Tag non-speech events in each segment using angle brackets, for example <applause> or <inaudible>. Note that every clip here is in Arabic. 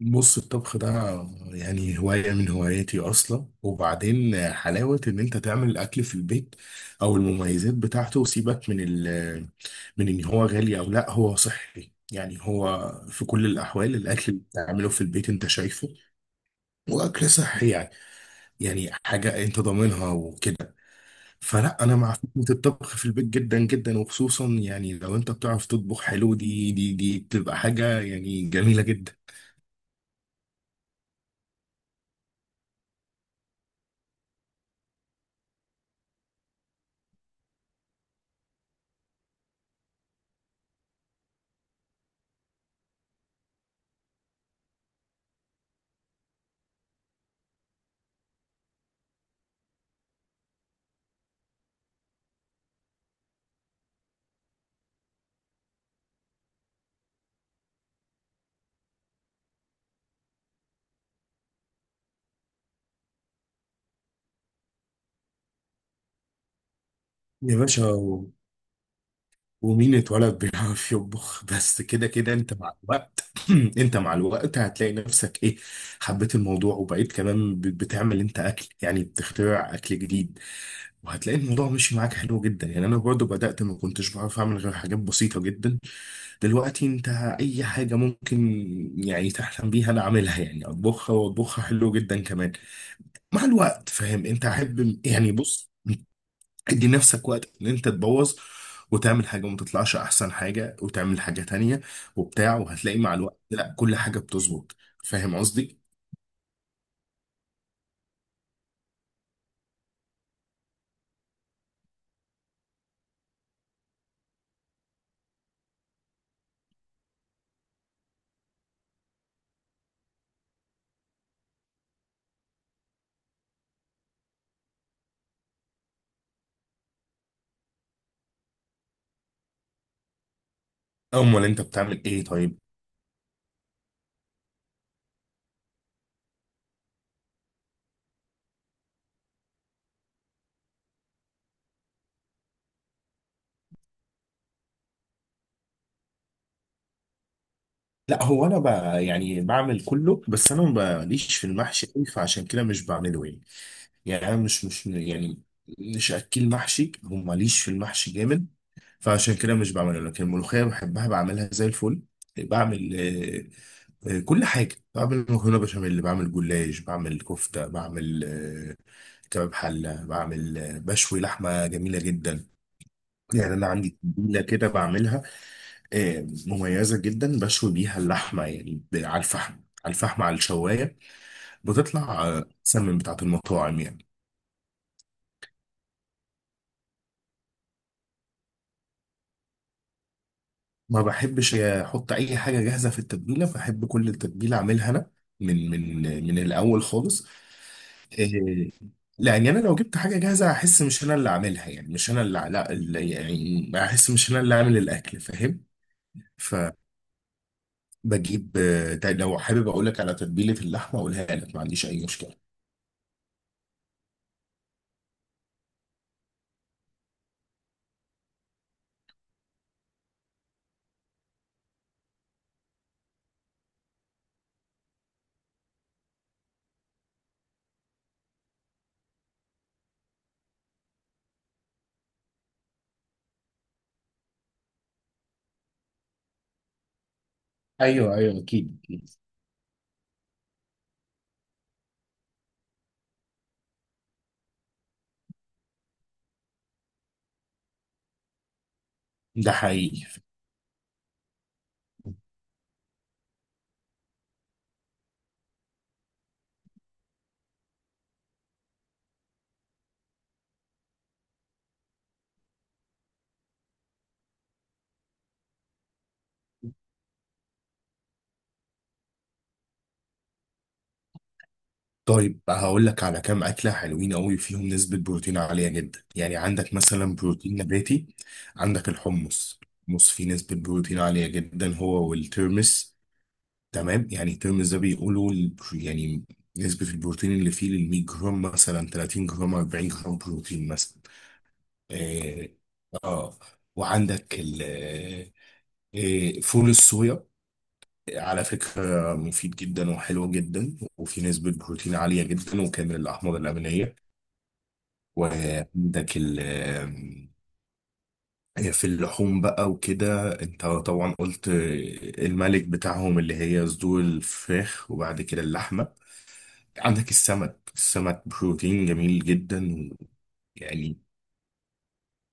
بص، الطبخ ده يعني هواية من هواياتي أصلا. وبعدين حلاوة إن أنت تعمل الأكل في البيت أو المميزات بتاعته، وسيبك من ال من إن هو غالي أو لأ، هو صحي يعني. هو في كل الأحوال الأكل اللي بتعمله في البيت أنت شايفه وأكل صحي يعني، يعني حاجة أنت ضامنها وكده. فلأ، أنا مع فكرة الطبخ في البيت جدا جدا، وخصوصا يعني لو أنت بتعرف تطبخ حلو، دي بتبقى حاجة يعني جميلة جدا. يا باشا، ومين اتولد بيعرف يطبخ؟ بس كده كده انت مع الوقت. <clears throat> انت مع الوقت هتلاقي نفسك ايه، حبيت الموضوع، وبقيت كمان بتعمل انت اكل، يعني بتخترع اكل جديد. وهتلاقي الموضوع مشي معاك حلو جدا يعني. انا برضو بدأت ما كنتش بعرف اعمل غير حاجات بسيطة جدا، دلوقتي انت اي حاجة ممكن يعني تحلم بيها انا اعملها، يعني اطبخها واطبخها حلو جدا كمان مع الوقت. فاهم؟ انت احب يعني، بص، ادي نفسك وقت ان انت تبوظ وتعمل حاجة وما تطلعش احسن حاجة، وتعمل حاجة تانية وبتاع، وهتلاقي مع الوقت لا، كل حاجة بتظبط. فاهم قصدي؟ امال انت بتعمل ايه طيب؟ لا هو انا يعني بعمل كله، بس انا ماليش في المحشي قوي، فعشان كده مش بعمله يعني. يعني انا مش يعني مش اكل محشي، وماليش في المحشي جامد، فعشان كده مش بعمله. لكن الملوخية بحبها، بعملها زي الفل. بعمل كل حاجة، بعمل مكرونة بشاميل، بعمل جلاش، بعمل كفتة، بعمل كباب حلة، بعمل بشوي لحمة جميلة جدا. يعني أنا عندي تتبيلة كده بعملها، مميزة جدا، بشوي بيها اللحمة يعني، على الفحم، على الفحم، على الشواية. بتطلع أحسن من بتاعة المطاعم يعني. ما بحبش أحط أي حاجة جاهزة في التتبيلة، بحب كل التتبيلة أعملها أنا من من الأول خالص. إيه، لان انا لو جبت حاجه جاهزه هحس مش انا اللي عاملها، يعني مش انا اللي، لا، اللي يعني هحس مش انا اللي عامل الاكل. فاهم؟ فبجيب، ده لو حابب اقول لك على تتبيله اللحمه اقولها لك، ما عنديش اي مشكله. ايوه ايوه، اكيد اكيد. ده حقيقي. طيب هقول لك على كام اكله حلوين قوي فيهم نسبه بروتين عاليه جدا. يعني عندك مثلا بروتين نباتي، عندك الحمص، الحمص فيه نسبه بروتين عاليه جدا، هو والترمس. تمام؟ يعني الترمز ده بيقولوا يعني نسبة البروتين اللي فيه لل 100 جرام مثلا 30 جرام 40 جرام بروتين مثلا. اه. آه. وعندك ال آه، فول الصويا على فكرة، مفيد جدا وحلو جدا، وفي نسبة بروتين عالية جدا وكامل الأحماض الأمينية. وعندك ال في اللحوم بقى وكده، انت طبعا قلت الملك بتاعهم اللي هي صدور الفراخ، وبعد كده اللحمة. عندك السمك، السمك بروتين جميل جدا يعني.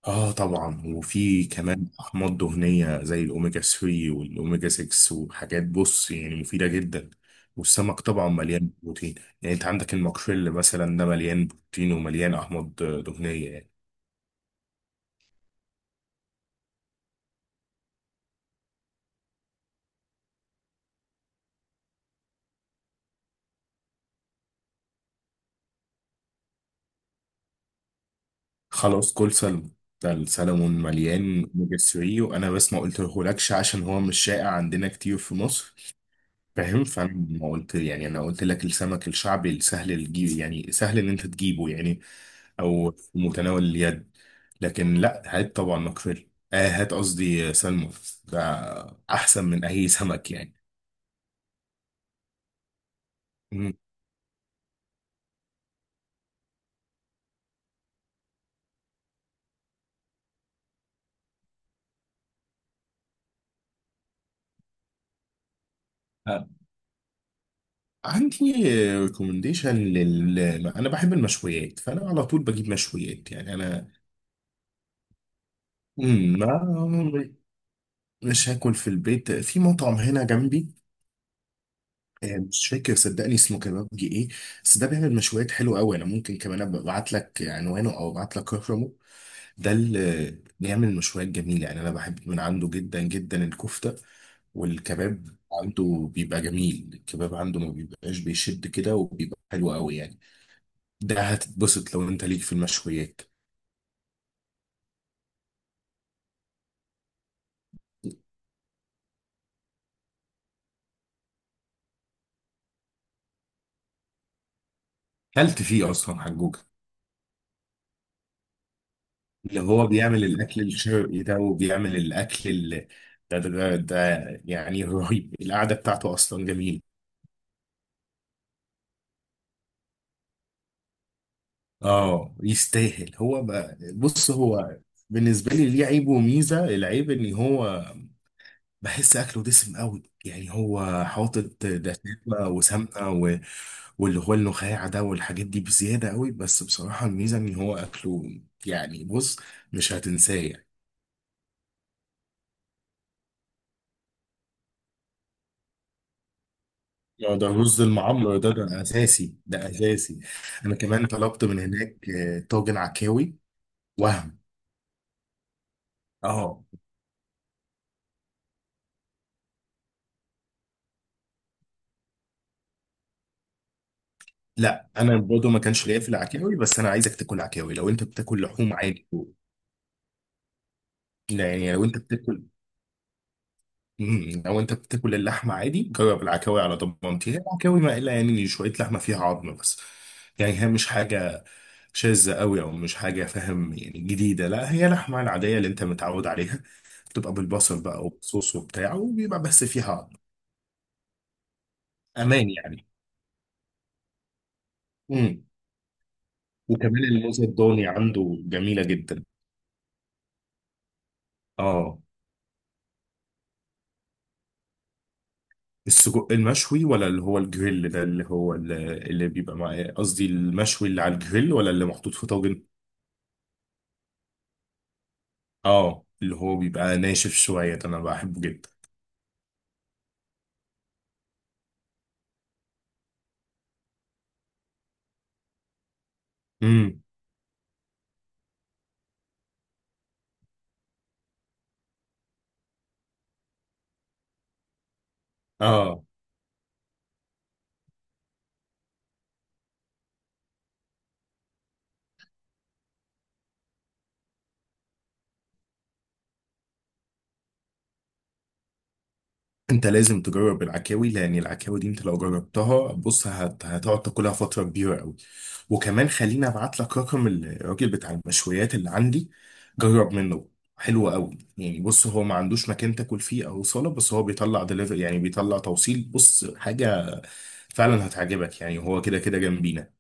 اه طبعا، وفي كمان احماض دهنيه زي الاوميجا 3 والاوميجا 6 وحاجات، بص، يعني مفيده جدا. والسمك طبعا مليان بروتين يعني. انت عندك الماكريل مثلا، ده مليان بروتين ومليان احماض دهنيه يعني. خلاص، كل سلمون، ده السلمون مليان اوميجا 3، وانا بس ما قلتهولكش عشان هو مش شائع عندنا كتير في مصر. فاهم؟ فانا ما قلت يعني، انا قلت لك السمك الشعبي السهل الجي، يعني سهل ان انت تجيبه يعني، او في متناول اليد. لكن لا، هات طبعا مكفر، آه، هات قصدي سلمون، ده احسن من اي سمك يعني. مم. آه، عندي ريكومنديشن لل، انا بحب المشويات، فانا على طول بجيب مشويات يعني. انا مم، ما مش هاكل في البيت، في مطعم هنا جنبي، مش فاكر صدقني اسمه كبابجي ايه، بس ده بيعمل مشويات حلوه قوي. انا ممكن كمان ابقى ابعت لك عنوانه او ابعت لك رقمه. ده اللي بيعمل مشويات جميله يعني، انا بحب من عنده جدا جدا الكفته والكباب. عنده بيبقى جميل، الكباب عنده ما بيبقاش بيشد كده، وبيبقى حلو قوي يعني. ده هتتبسط لو انت ليك في المشويات. كلت فيه اصلا حجوجة؟ اللي هو بيعمل الاكل الشرقي ده، وبيعمل الاكل ده يعني رهيب، القعده بتاعته اصلا جميله. اه، يستاهل. هو بقى بص، هو بالنسبه لي ليه عيب وميزه. العيب ان هو بحس اكله دسم قوي يعني، هو حاطط دسامه وسمنه واللي هو النخاع ده والحاجات دي بزياده قوي. بس بصراحه الميزه ان هو اكله يعني بص، مش هتنساه يعني. آه، ده رز المعمر، ده ده اساسي، ده اساسي. انا كمان طلبت من هناك طاجن عكاوي، وهم اه. لا انا برضه ما كانش ليا في العكاوي، بس انا عايزك تاكل عكاوي لو انت بتاكل لحوم عادي. لا يعني، لو انت بتاكل لو انت بتاكل اللحمه عادي، جرب العكاوي على ضمانتي. هي العكاوي ما الا يعني شويه لحمه فيها عظم بس، يعني هي مش حاجه شاذه قوي او مش حاجه، فاهم يعني، جديده. لا، هي لحمه العاديه اللي انت متعود عليها، بتبقى بالبصل بقى وبصوص وبتاع، وبيبقى بس فيها عظم. امان يعني. امم وكمان الموز الضاني عنده جميله جدا. اه، السجق المشوي ولا اللي هو الجريل ده، اللي هو اللي بيبقى مع، قصدي المشوي اللي على الجريل، ولا اللي محطوط في طاجن؟ اه، اللي هو بيبقى ناشف شوية ده، انا بحبه جدا. امم اه، انت لازم تجرب العكاوي، لان العكاوي دي انت لو جربتها بص هتقعد تاكلها فترة كبيرة قوي. وكمان خليني ابعت لك رقم الراجل بتاع المشويات اللي عندي، جرب منه. حلو قوي يعني، بص، هو ما عندوش مكان تاكل فيه او صاله، بس هو بيطلع دليفري يعني، بيطلع توصيل. بص حاجه، فعلا هتعجبك يعني، هو كده كده جنبينا.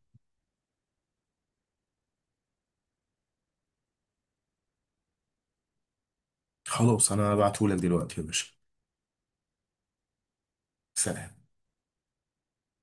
خلاص، انا هبعتهولك دلوقتي يا باشا. سلام.